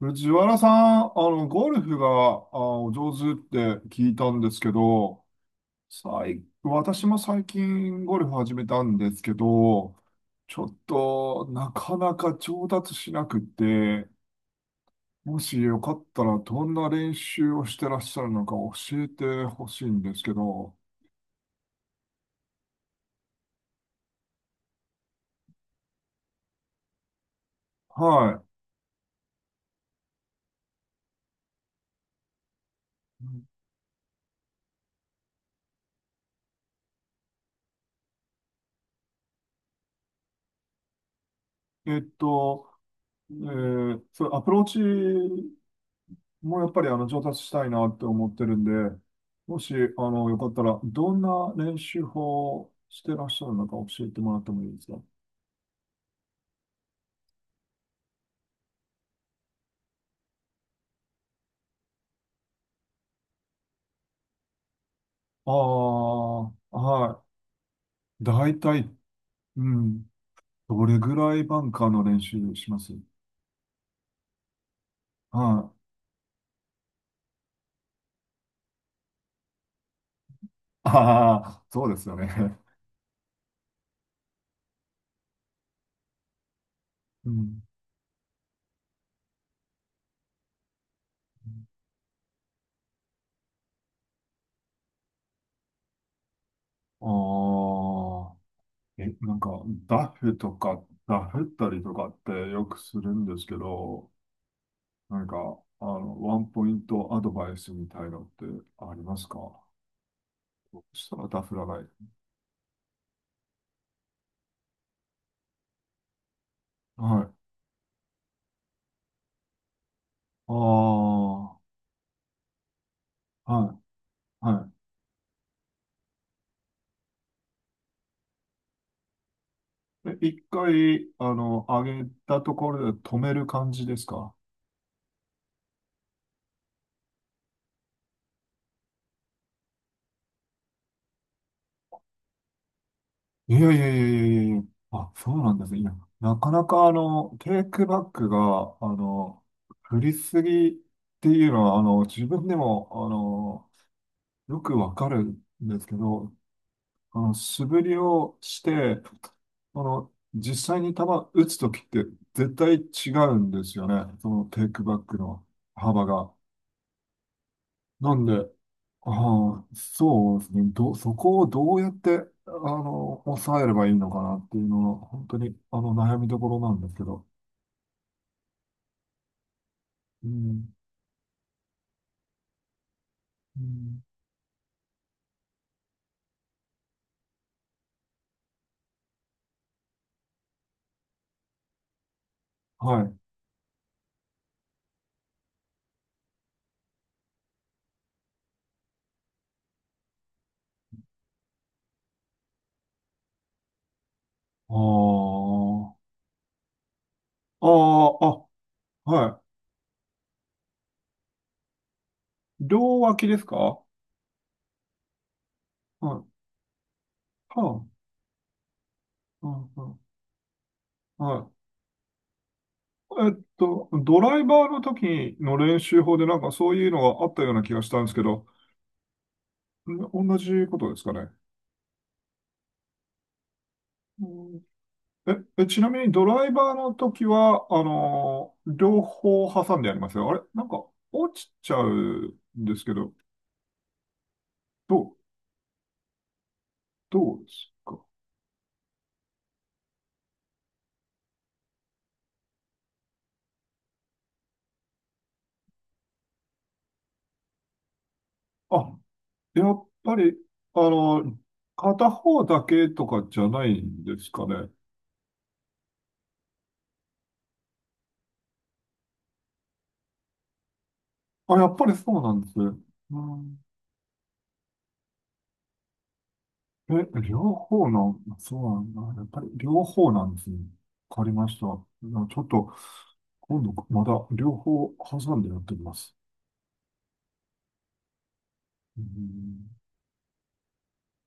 藤原さん、ゴルフが、お上手って聞いたんですけど、私も最近ゴルフ始めたんですけど、ちょっとなかなか上達しなくて、もしよかったらどんな練習をしてらっしゃるのか教えてほしいんですけど、はい。それアプローチ、もうやっぱり上達したいなって思ってるんで、もしよかったら、どんな練習法をしてらっしゃるのか教えてもらってもいいですか？ああ、はい。大体、うん。どれぐらいバンカーの練習します？はい。ああ、そうですよね。うん。ああ、え、なんか、ダフとか、ダフったりとかってよくするんですけど、なんか、あの、ワンポイントアドバイスみたいのってありますか？そしたらダフらない。はい。ああ、はい、はい。え、一回、あの、上げたところで止める感じですか？いやいやいやいやいやいや。あ、そうなんですね。いや、なかなか、あの、テイクバックが、あの、振りすぎっていうのは、あの、自分でも、あの、よくわかるんですけど、あの、素振りをして、あの、実際に球打つときって絶対違うんですよね。そのテイクバックの幅が。なんで、ああ、そうですね。ど、そこをどうやって、あの、抑えればいいのかなっていうのが、本当に、あの、悩みどころなんですけど。うん。うん、はい。ああ、ああ、あ、はい。両脇ですか？はい。は、あ、うん、うん、はい。ドライバーの時の練習法でなんかそういうのがあったような気がしたんですけど、ん、同じことですかね。うん、え、え、ちなみにドライバーの時は、あのー、両方挟んでやりますよ。あれなんか落ちちゃうんですけど、どう、どうですか？あ、やっぱり、あのー、片方だけとかじゃないんですかね。あ、やっぱりそうなんですね。うん、え、両方の、そうなんだ。やっぱり両方なんですね。わかりました。な、ちょっと、今度まだ両方挟んでやってみます。うん、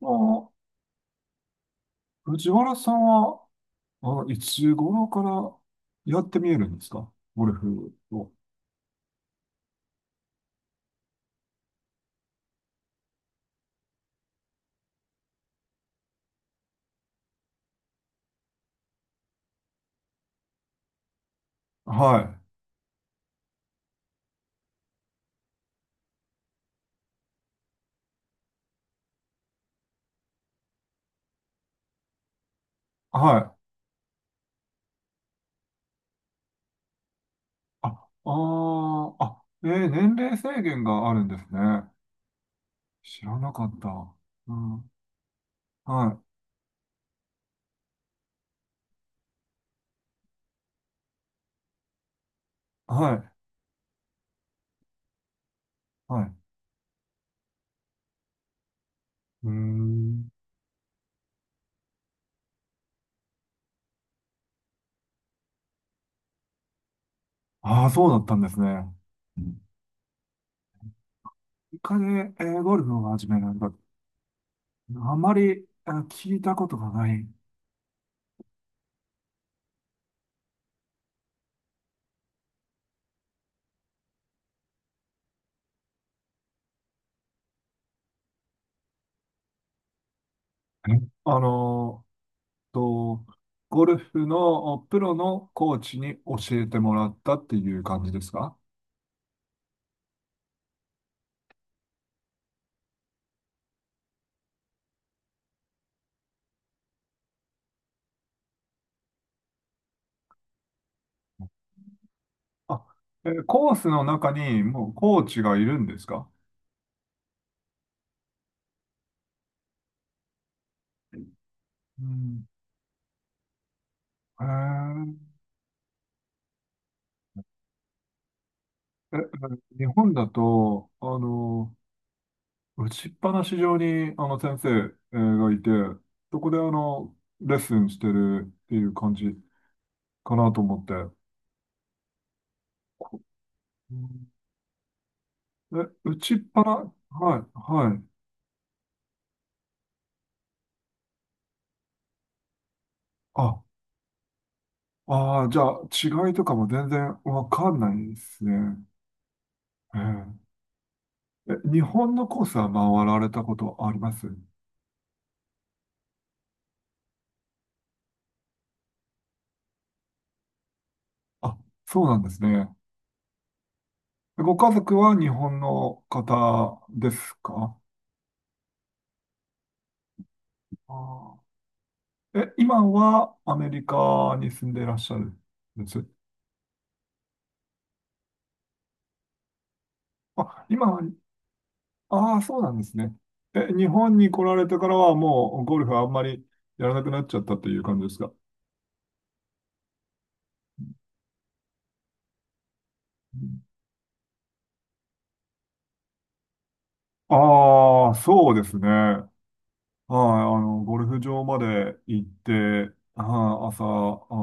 あ、藤原さんは、あ、いつ頃からやってみえるんですか？ゴルフを。はい。はい。あ、あー、あ、えー、年齢制限があるんですね。知らなかった。うん、はい。はい。はい。うーん。ああ、そうだったんですね。イカで、えー、ゴルフを始めるのか、あまり、あ、聞いたことがない。え、あのーと、ゴルフのおプロのコーチに教えてもらったっていう感じですか？あ、えー、コースの中にもうコーチがいるんですか？うん。へー、え、え、日本だと、あの、打ちっぱなし上に、あの、先生えーがいて、そこで、あの、レッスンしてるっていう感じかなと思って。うん、え、打ちっぱな、はい、はい。あ、ああ、じゃあ、違いとかも全然わかんないですね。え、ええ、日本のコースは回られたことあります？あ、そうなんですね。ご家族は日本の方ですか？ああ、え、今はアメリカに住んでいらっしゃるんです？あ、今は、ああ、そうなんですね。え、日本に来られてからはもうゴルフあんまりやらなくなっちゃったという感じですか？ああ、そうですね。はい、あの、ゴルフ場まで行って、はい、朝、あ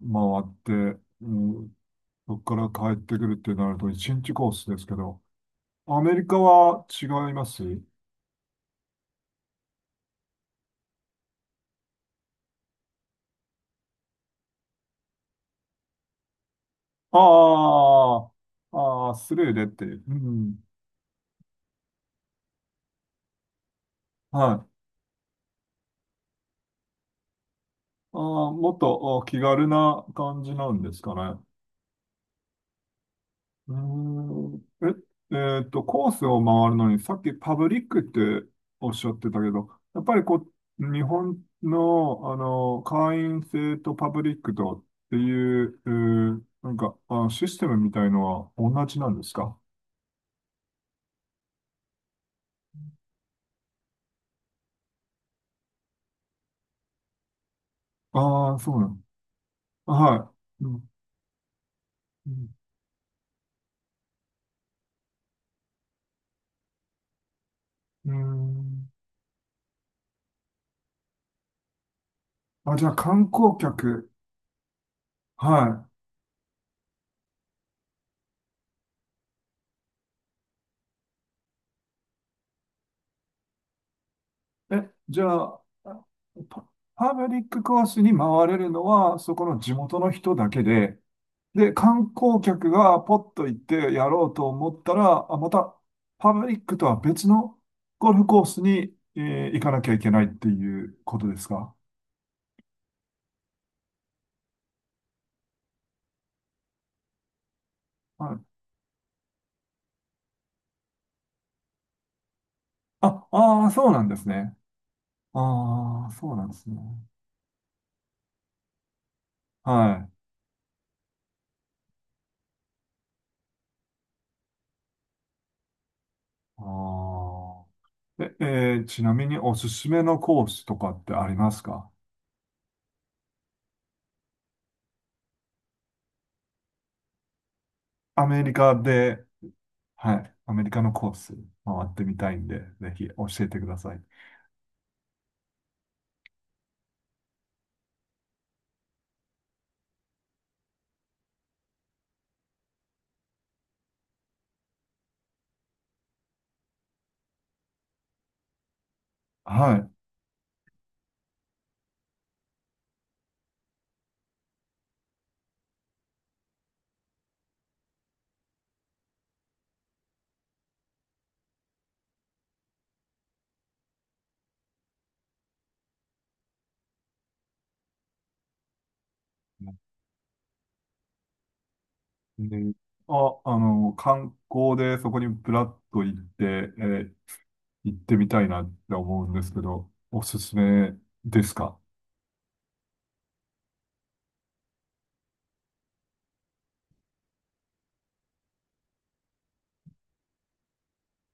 ー、回って、うん、そこから帰ってくるってなると一日コースですけど、アメリカは違います？ああ、あー、あー、スルーでっていう。うん、はい。ああ、もっとあ気軽な感じなんですかね。うーん。え、コースを回るのに、さっきパブリックっておっしゃってたけど、やっぱりこう、日本の、あの、会員制とパブリックとっていう、えー、なんか、あ、システムみたいのは同じなんですか？ああー、そうなの。はい。うん。うん。うーん、あ、じゃあ観光客。はい。え、じゃあ、パ、パブリックコースに回れるのは、そこの地元の人だけで、で、観光客がポッと行ってやろうと思ったら、あ、また、パブリックとは別のゴルフコースに、えー、行かなきゃいけないっていうことですか？はい。あ、ああ、そうなんですね。ああ、そうなんですね。はい。ああ。え、えー、ちなみにおすすめのコースとかってありますか？アメリカで、はい。アメリカのコース回ってみたいんで、ぜひ教えてください。はい。で、あ、あの、観光でそこにブラッと行って、えー、行ってみたいなって思うんですけど、おすすめですか？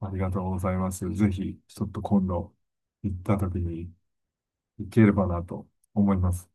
ありがとうございます。ぜひ、ちょっと今度行った時に行ければなと思います。